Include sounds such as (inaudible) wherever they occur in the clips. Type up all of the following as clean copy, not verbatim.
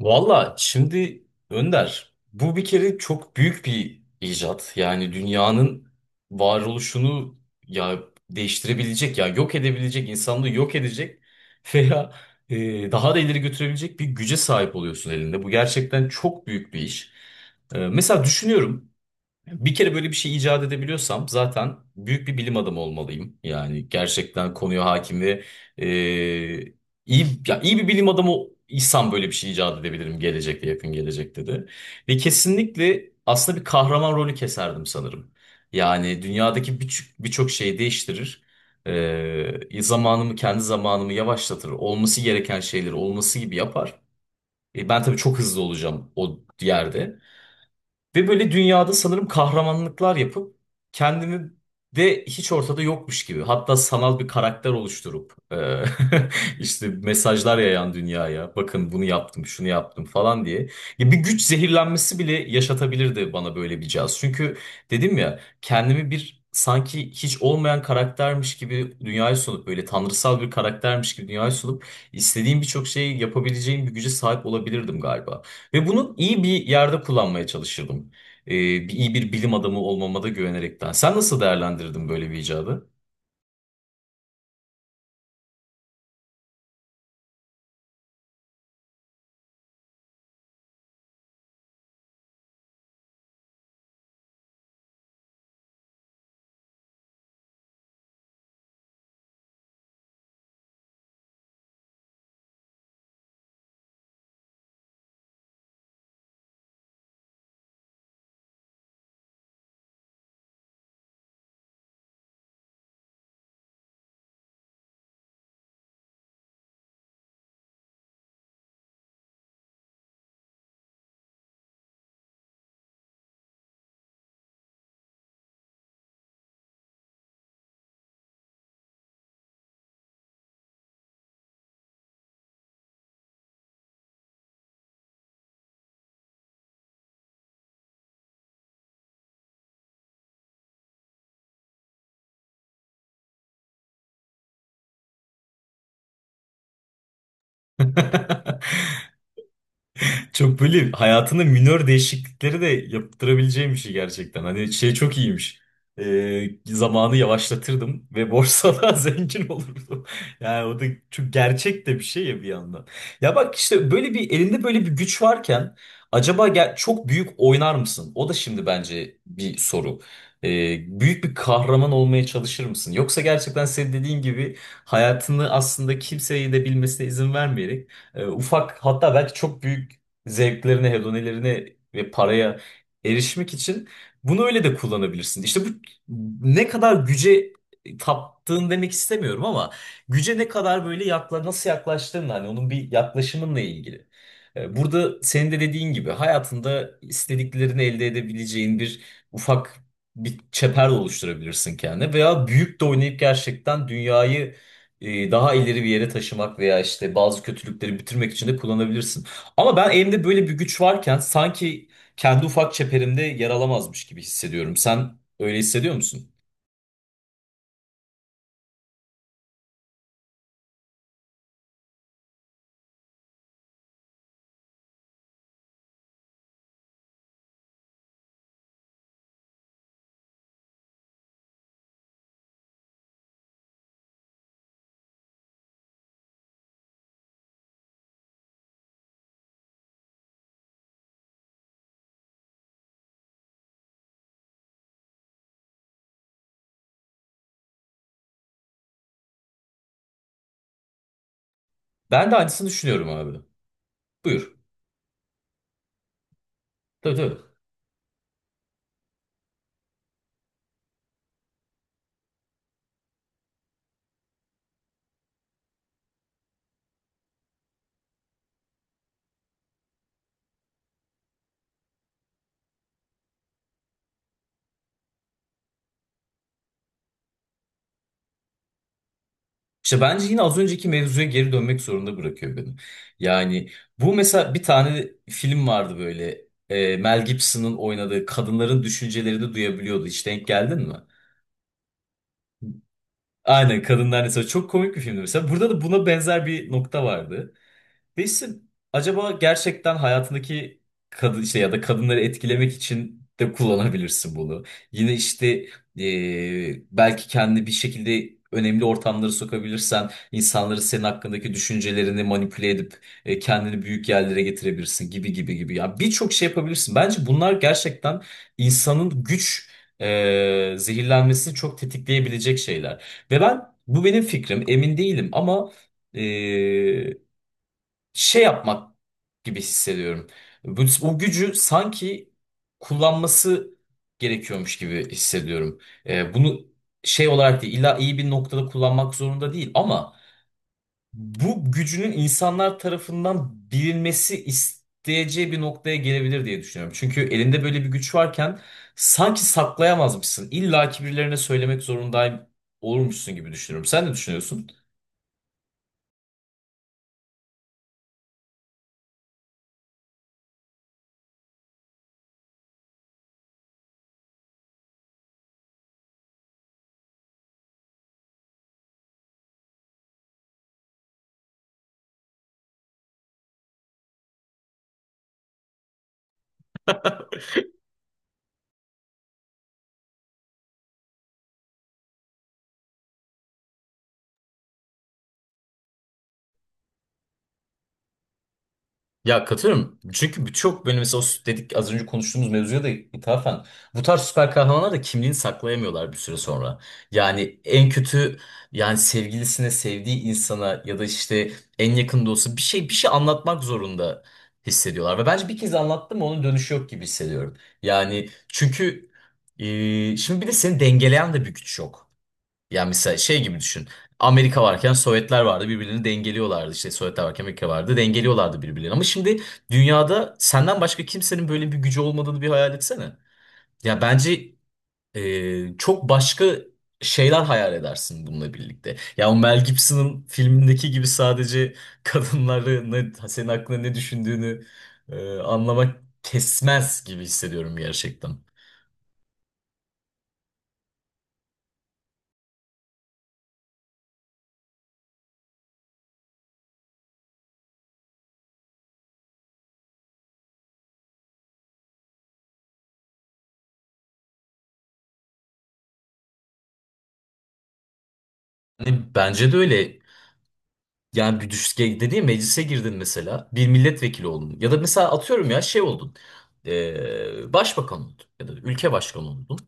Valla şimdi Önder, bu bir kere çok büyük bir icat. Yani dünyanın varoluşunu ya değiştirebilecek ya yok edebilecek, insanlığı yok edecek (laughs) veya daha da ileri götürebilecek bir güce sahip oluyorsun elinde. Bu gerçekten çok büyük bir iş. Mesela düşünüyorum. Bir kere böyle bir şey icat edebiliyorsam zaten büyük bir bilim adamı olmalıyım. Yani gerçekten konuya hakim ve e, iyi, ya iyi bir bilim adamı isem böyle bir şey icat edebilirim gelecekte yakın gelecekte de. Ve kesinlikle aslında bir kahraman rolü keserdim sanırım. Yani dünyadaki birçok şeyi değiştirir. Zamanımı kendi zamanımı yavaşlatır. Olması gereken şeyleri olması gibi yapar. Ben tabii çok hızlı olacağım o yerde. Ve böyle dünyada sanırım kahramanlıklar yapıp kendimi de hiç ortada yokmuş gibi. Hatta sanal bir karakter oluşturup (laughs) işte mesajlar yayan dünyaya. Bakın bunu yaptım, şunu yaptım falan diye. Ya bir güç zehirlenmesi bile yaşatabilirdi bana böyle bir caz. Çünkü dedim ya kendimi bir sanki hiç olmayan karaktermiş gibi dünyaya sunup böyle tanrısal bir karaktermiş gibi dünyaya sunup istediğim birçok şeyi yapabileceğim bir güce sahip olabilirdim galiba. Ve bunu iyi bir yerde kullanmaya çalışırdım. İyi bir bilim adamı olmama da güvenerekten. Sen nasıl değerlendirdin böyle bir icadı? (laughs) Çok böyle hayatında minör değişiklikleri de yaptırabileceğim bir şey gerçekten. Hani şey çok iyiymiş. Zamanı yavaşlatırdım ve borsada (laughs) zengin olurdum. Yani o da çok gerçek de bir şey ya bir yandan. Ya bak işte böyle bir elinde böyle bir güç varken acaba çok büyük oynar mısın? O da şimdi bence bir soru. Büyük bir kahraman olmaya çalışır mısın? Yoksa gerçekten senin dediğin gibi hayatını aslında kimseyi de bilmesine izin vermeyerek ufak hatta belki çok büyük zevklerine, hedonilerine ve paraya erişmek için bunu öyle de kullanabilirsin. İşte bu ne kadar güce taptığın demek istemiyorum ama güce ne kadar böyle nasıl yaklaştığın hani onun bir yaklaşımınla ilgili. Burada senin de dediğin gibi hayatında istediklerini elde edebileceğin bir ufak çember oluşturabilirsin kendine veya büyük de oynayıp gerçekten dünyayı daha ileri bir yere taşımak veya işte bazı kötülükleri bitirmek için de kullanabilirsin. Ama ben elimde böyle bir güç varken sanki kendi ufak çeperimde yer alamazmış gibi hissediyorum. Sen öyle hissediyor musun? Ben de aynısını düşünüyorum abi. Buyur. Tabii, tabii. İşte bence yine az önceki mevzuya geri dönmek zorunda bırakıyor beni. Yani bu mesela bir tane film vardı böyle. Mel Gibson'ın oynadığı kadınların düşüncelerini duyabiliyordu. Hiç denk geldin mi? Aynen, kadınlar mesela çok komik bir filmdi mesela. Burada da buna benzer bir nokta vardı. Resim acaba gerçekten hayatındaki kadın işte ya da kadınları etkilemek için de kullanabilirsin bunu. Yine işte belki kendi bir şekilde önemli ortamlara sokabilirsen insanları senin hakkındaki düşüncelerini manipüle edip kendini büyük yerlere getirebilirsin gibi gibi gibi. Ya birçok şey yapabilirsin. Bence bunlar gerçekten insanın güç zehirlenmesini çok tetikleyebilecek şeyler. Ve ben bu benim fikrim emin değilim ama ee, şey yapmak gibi hissediyorum. Bu, o gücü sanki kullanması gerekiyormuş gibi hissediyorum. Bunu şey olarak değil, illa iyi bir noktada kullanmak zorunda değil ama bu gücünün insanlar tarafından bilinmesi isteyeceği bir noktaya gelebilir diye düşünüyorum. Çünkü elinde böyle bir güç varken sanki saklayamazmışsın. İlla ki birilerine söylemek zorundayım olurmuşsun gibi düşünüyorum. Sen ne düşünüyorsun? Ya katılıyorum. Çünkü birçok böyle mesela dedik az önce konuştuğumuz mevzuya da ithafen bu tarz süper kahramanlar da kimliğini saklayamıyorlar bir süre sonra. Yani en kötü yani sevgilisine, sevdiği insana ya da işte en yakın dostu bir şey anlatmak zorunda hissediyorlar. Ve bence bir kez anlattım onun dönüşü yok gibi hissediyorum. Yani çünkü şimdi bir de seni dengeleyen de bir güç yok. Yani mesela şey gibi düşün. Amerika varken Sovyetler vardı birbirini dengeliyorlardı. İşte Sovyetler varken Amerika vardı dengeliyorlardı birbirlerini. Ama şimdi dünyada senden başka kimsenin böyle bir gücü olmadığını bir hayal etsene. Ya bence çok başka şeyler hayal edersin bununla birlikte. Ya o Mel Gibson'ın filmindeki gibi sadece kadınları ne, senin aklına ne düşündüğünü anlamak kesmez gibi hissediyorum gerçekten. Yani bence de öyle. Yani bir düş dediğim meclise girdin mesela bir milletvekili oldun ya da mesela atıyorum ya şey oldun, başbakan oldun ya da ülke başkanı oldun.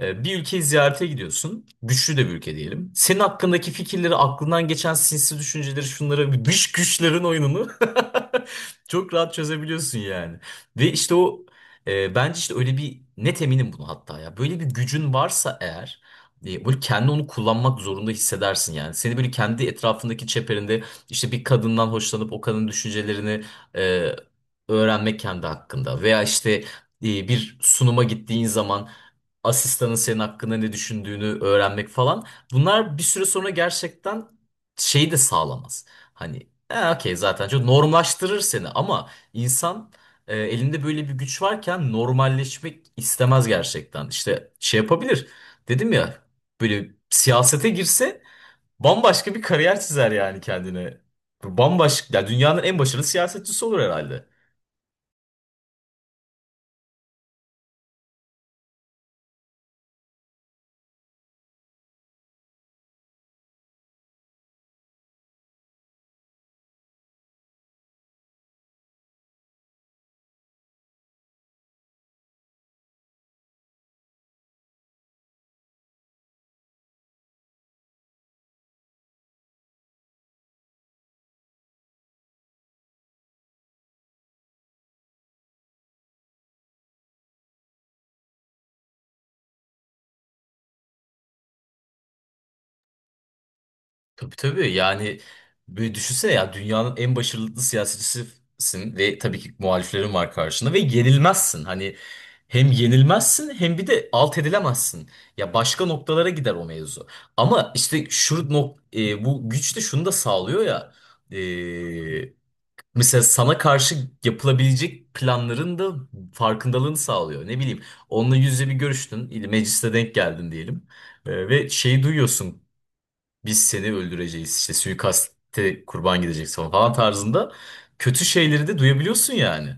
Bir ülkeyi ziyarete gidiyorsun güçlü de bir ülke diyelim, senin hakkındaki fikirleri aklından geçen sinsi düşünceleri şunları dış güçlerin oyununu (laughs) çok rahat çözebiliyorsun yani ve işte o bence işte öyle bir net eminim bunu hatta ya böyle bir gücün varsa eğer böyle kendi onu kullanmak zorunda hissedersin yani. Seni böyle kendi etrafındaki çeperinde işte bir kadından hoşlanıp o kadının düşüncelerini e, öğrenmek kendi hakkında veya işte bir sunuma gittiğin zaman asistanın senin hakkında ne düşündüğünü öğrenmek falan bunlar bir süre sonra gerçekten şeyi de sağlamaz. Hani okey zaten çok normlaştırır seni ama insan elinde böyle bir güç varken normalleşmek istemez gerçekten. İşte şey yapabilir. Dedim ya böyle siyasete girse bambaşka bir kariyer çizer yani kendine. Bambaşka, ya dünyanın en başarılı siyasetçisi olur herhalde. Tabii, tabii, yani böyle düşünsene ya dünyanın en başarılı siyasetçisisin ve tabii ki muhaliflerin var karşında ve yenilmezsin. Hani hem yenilmezsin hem bir de alt edilemezsin. Ya başka noktalara gider o mevzu. Ama işte bu güç de şunu da sağlıyor ya. e, Mesela sana karşı yapılabilecek planların da farkındalığını sağlıyor. Ne bileyim, onunla yüz yüze bir görüştün, mecliste denk geldin diyelim. Ve şeyi duyuyorsun, biz seni öldüreceğiz, işte suikaste kurban gideceksin falan falan tarzında. Kötü şeyleri de duyabiliyorsun yani.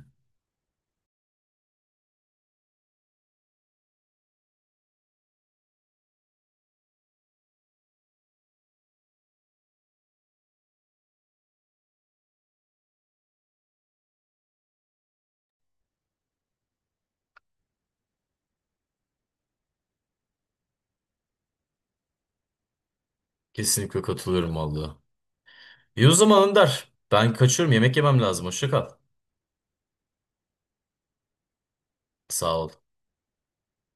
Kesinlikle katılıyorum vallahi. İyi o zaman Önder, ben kaçıyorum, yemek yemem lazım, hoşça kal. Sağ ol.